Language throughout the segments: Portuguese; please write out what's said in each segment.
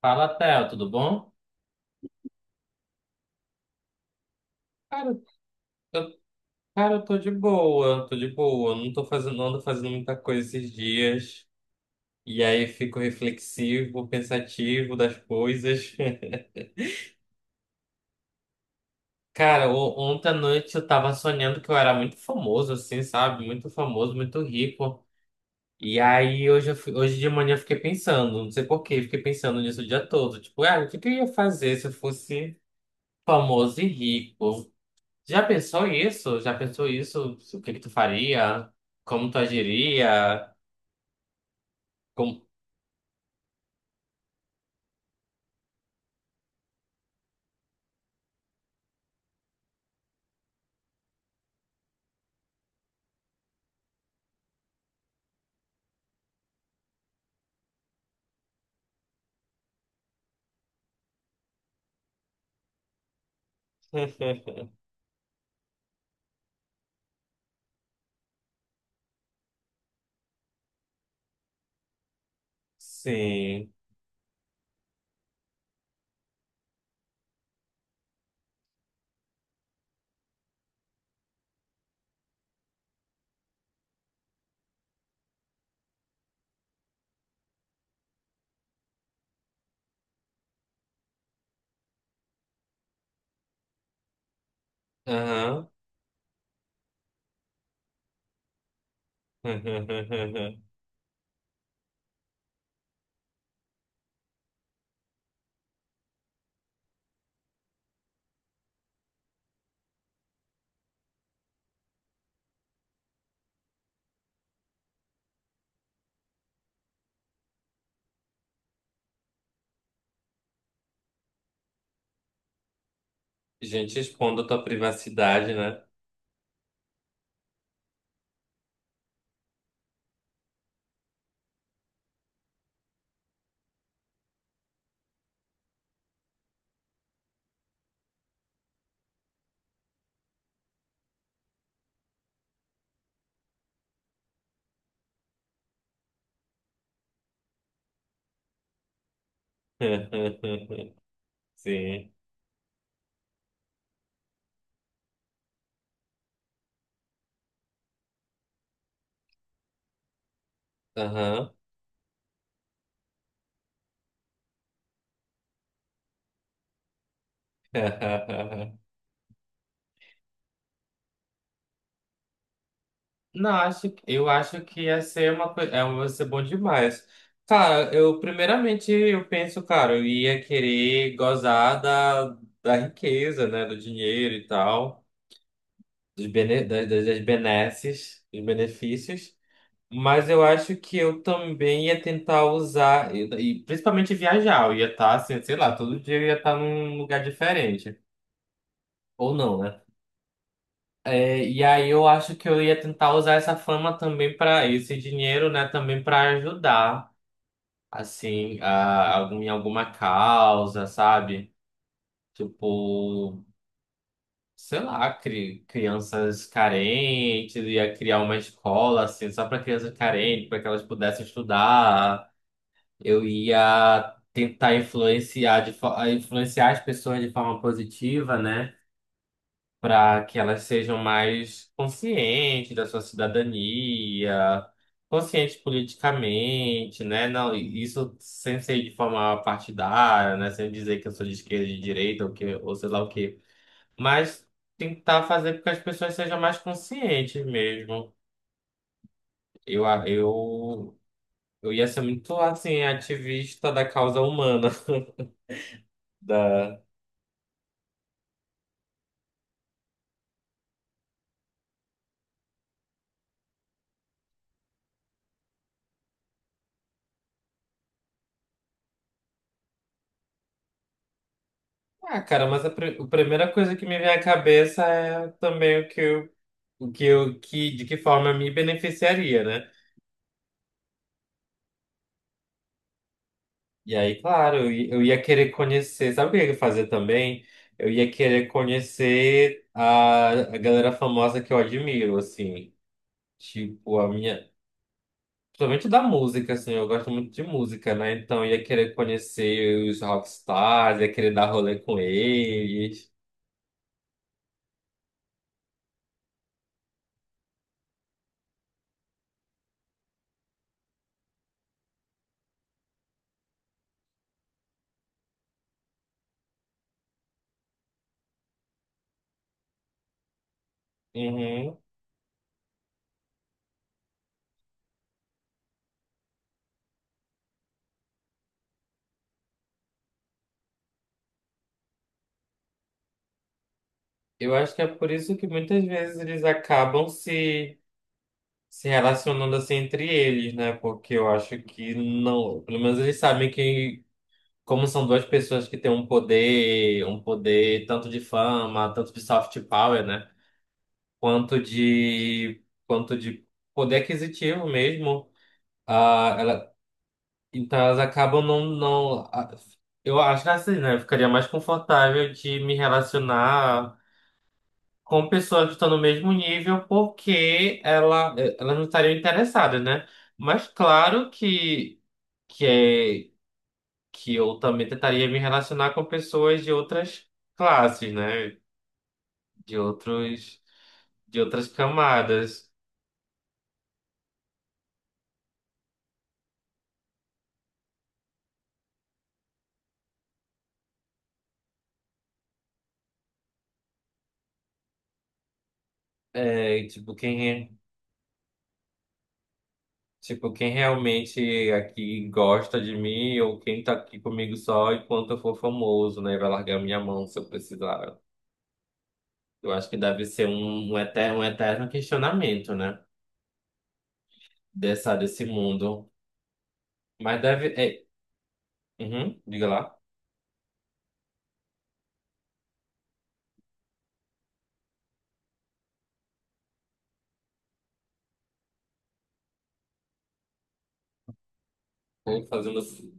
Fala, Theo, tudo bom? Cara, eu, eu tô de boa, não ando fazendo muita coisa esses dias. E aí fico reflexivo, pensativo das coisas. Cara, ontem à noite eu tava sonhando que eu era muito famoso, assim, sabe? Muito famoso, muito rico. E aí hoje de manhã eu fiquei pensando, não sei por quê, fiquei pensando nisso o dia todo. Tipo, ah, o que que eu ia fazer se eu fosse famoso e rico? Já pensou isso? Já pensou isso? O que que tu faria? Como tu agiria? Como... Sim. Aham. Gente, expondo a tua privacidade, né? Sim. Aham. Não, eu acho que ia ser uma coisa, é, ia ser bom demais. Cara, eu penso, cara, eu ia querer gozar da, da riqueza, né, do dinheiro e tal. Dos bene, das, das das benesses, dos benefícios, mas eu acho que eu também ia tentar usar, e principalmente viajar, eu ia estar, assim, sei lá, todo dia eu ia estar num lugar diferente, ou não, né? É, e aí eu acho que eu ia tentar usar essa fama também para esse dinheiro, né, também para ajudar, assim, em alguma causa, sabe? Tipo, sei lá, crianças carentes, ia criar uma escola assim, só para crianças carentes, para que elas pudessem estudar. Eu ia tentar influenciar as pessoas de forma positiva, né? Para que elas sejam mais conscientes da sua cidadania, conscientes politicamente, né? Não, isso sem ser de forma partidária, né? Sem dizer que eu sou de esquerda, de direita, ou, que, ou sei lá o quê. Mas tentar fazer com que as pessoas sejam mais conscientes mesmo. Eu, a- eu, eu ia ser muito, assim, ativista da causa humana. Da... Ah, cara, mas a primeira coisa que me vem à cabeça é também o que eu, que, de que forma me beneficiaria, né? E aí, claro, eu ia querer conhecer, sabe o que eu ia fazer também? Eu ia querer conhecer a galera famosa que eu admiro, assim. Tipo, a minha, Principalmente da música, assim, eu gosto muito de música, né? Então ia querer conhecer os rockstars, ia querer dar rolê com eles. Uhum. Eu acho que é por isso que muitas vezes eles acabam se, se relacionando assim entre eles, né? Porque eu acho que não. Pelo menos eles sabem que, como são duas pessoas que têm um poder tanto de fama, tanto de soft power, né? Quanto de poder aquisitivo mesmo. Ah, ela- Então elas acabam não, não. a- Eu acho que assim, né? Eu ficaria mais confortável de me relacionar com pessoas que estão no mesmo nível, porque elas não estariam interessadas, né? Mas claro que, é, que eu também tentaria me relacionar com pessoas de outras classes, né? De outros, de outras camadas. É, tipo, quem Tipo, quem realmente aqui gosta de mim ou quem tá aqui comigo só enquanto eu for famoso, né? Vai largar minha mão se eu precisar. Eu acho que deve ser um eterno questionamento, né? Dessa, desse mundo. Mas deve. É, uhum, diga lá. Ou fazendo. Assim.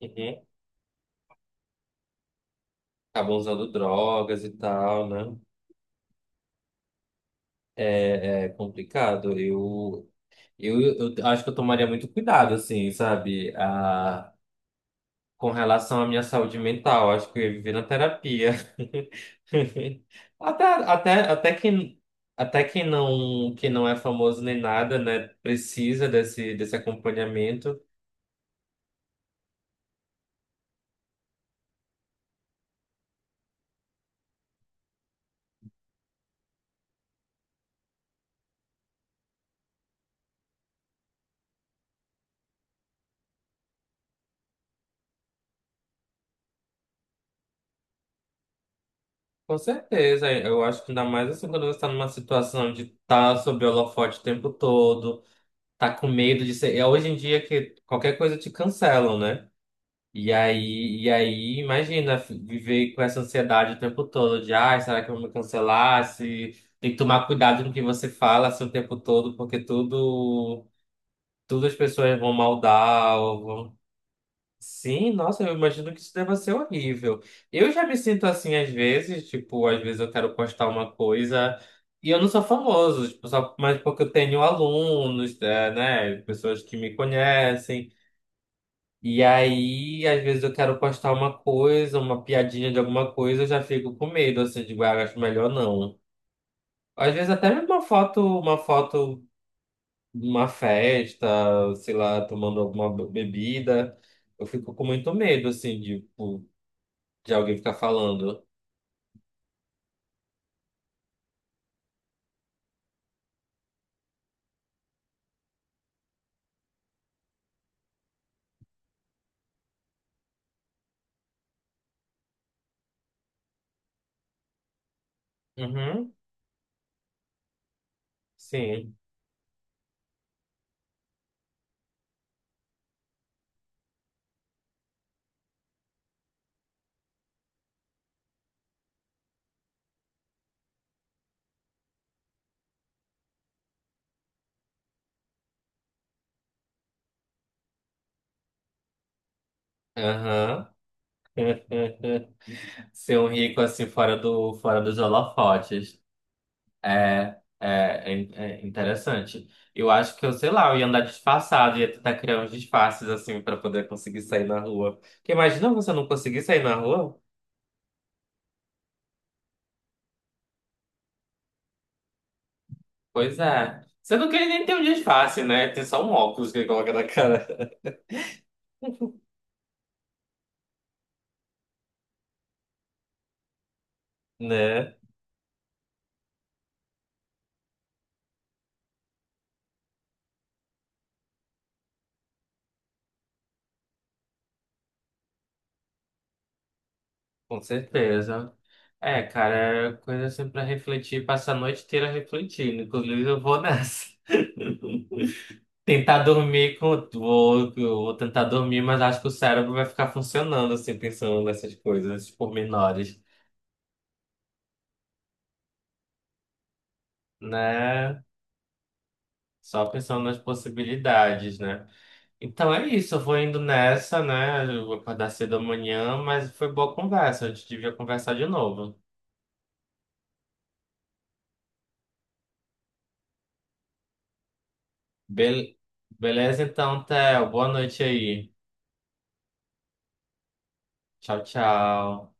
Uhum, acabam usando drogas e tal, né? É, é complicado. Eu acho que eu tomaria muito cuidado, assim, sabe? Com relação à minha saúde mental. Acho que eu ia viver na terapia. Até que até quem não, que não é famoso nem nada, né, precisa desse acompanhamento. Com certeza, eu acho que ainda mais assim quando você está numa situação de estar sob holofote o tempo todo, tá com medo de ser. Hoje em dia que qualquer coisa te cancelam, né? E aí, imagina viver com essa ansiedade o tempo todo de, ai, será que eu vou me cancelar? Se... Tem que tomar cuidado no que você fala assim, o tempo todo, porque tudo as pessoas vão maldar ou vão... Sim, nossa, eu imagino que isso deva ser horrível. Eu já me sinto assim às vezes, tipo, às vezes eu quero postar uma coisa e eu não sou famoso, tipo, só, mas porque eu tenho alunos, é, né, pessoas que me conhecem. E aí, às vezes eu quero postar uma coisa, uma piadinha de alguma coisa, eu já fico com medo, assim, de ah, acho melhor não. Às vezes até mesmo uma foto de uma festa, sei lá, tomando bebida, eu fico com muito medo, assim, de, tipo, de alguém ficar falando. Uhum, sim. Aham. Ser um rico assim fora do fora dos holofotes. É interessante. Eu acho que eu, sei lá, eu ia andar disfarçado, ia tentar criar uns disfarces assim pra poder conseguir sair na rua. Porque imagina você não conseguir sair na rua? Pois é. Você não quer nem ter um disfarce, né? Tem só um óculos que ele coloca na cara. Né? Com certeza. É, cara, é coisa assim pra refletir, passar a noite inteira refletindo. Inclusive, eu vou nessa. Tentar dormir com. Vou tentar dormir, mas acho que o cérebro vai ficar funcionando, assim, pensando nessas coisas, nesses pormenores, né? Só pensando nas possibilidades, né? Então é isso, eu vou indo nessa, né? Eu vou acordar cedo amanhã, mas foi boa conversa, a gente devia conversar de novo. Bel- Beleza, então, Theo, boa noite aí. Tchau, tchau.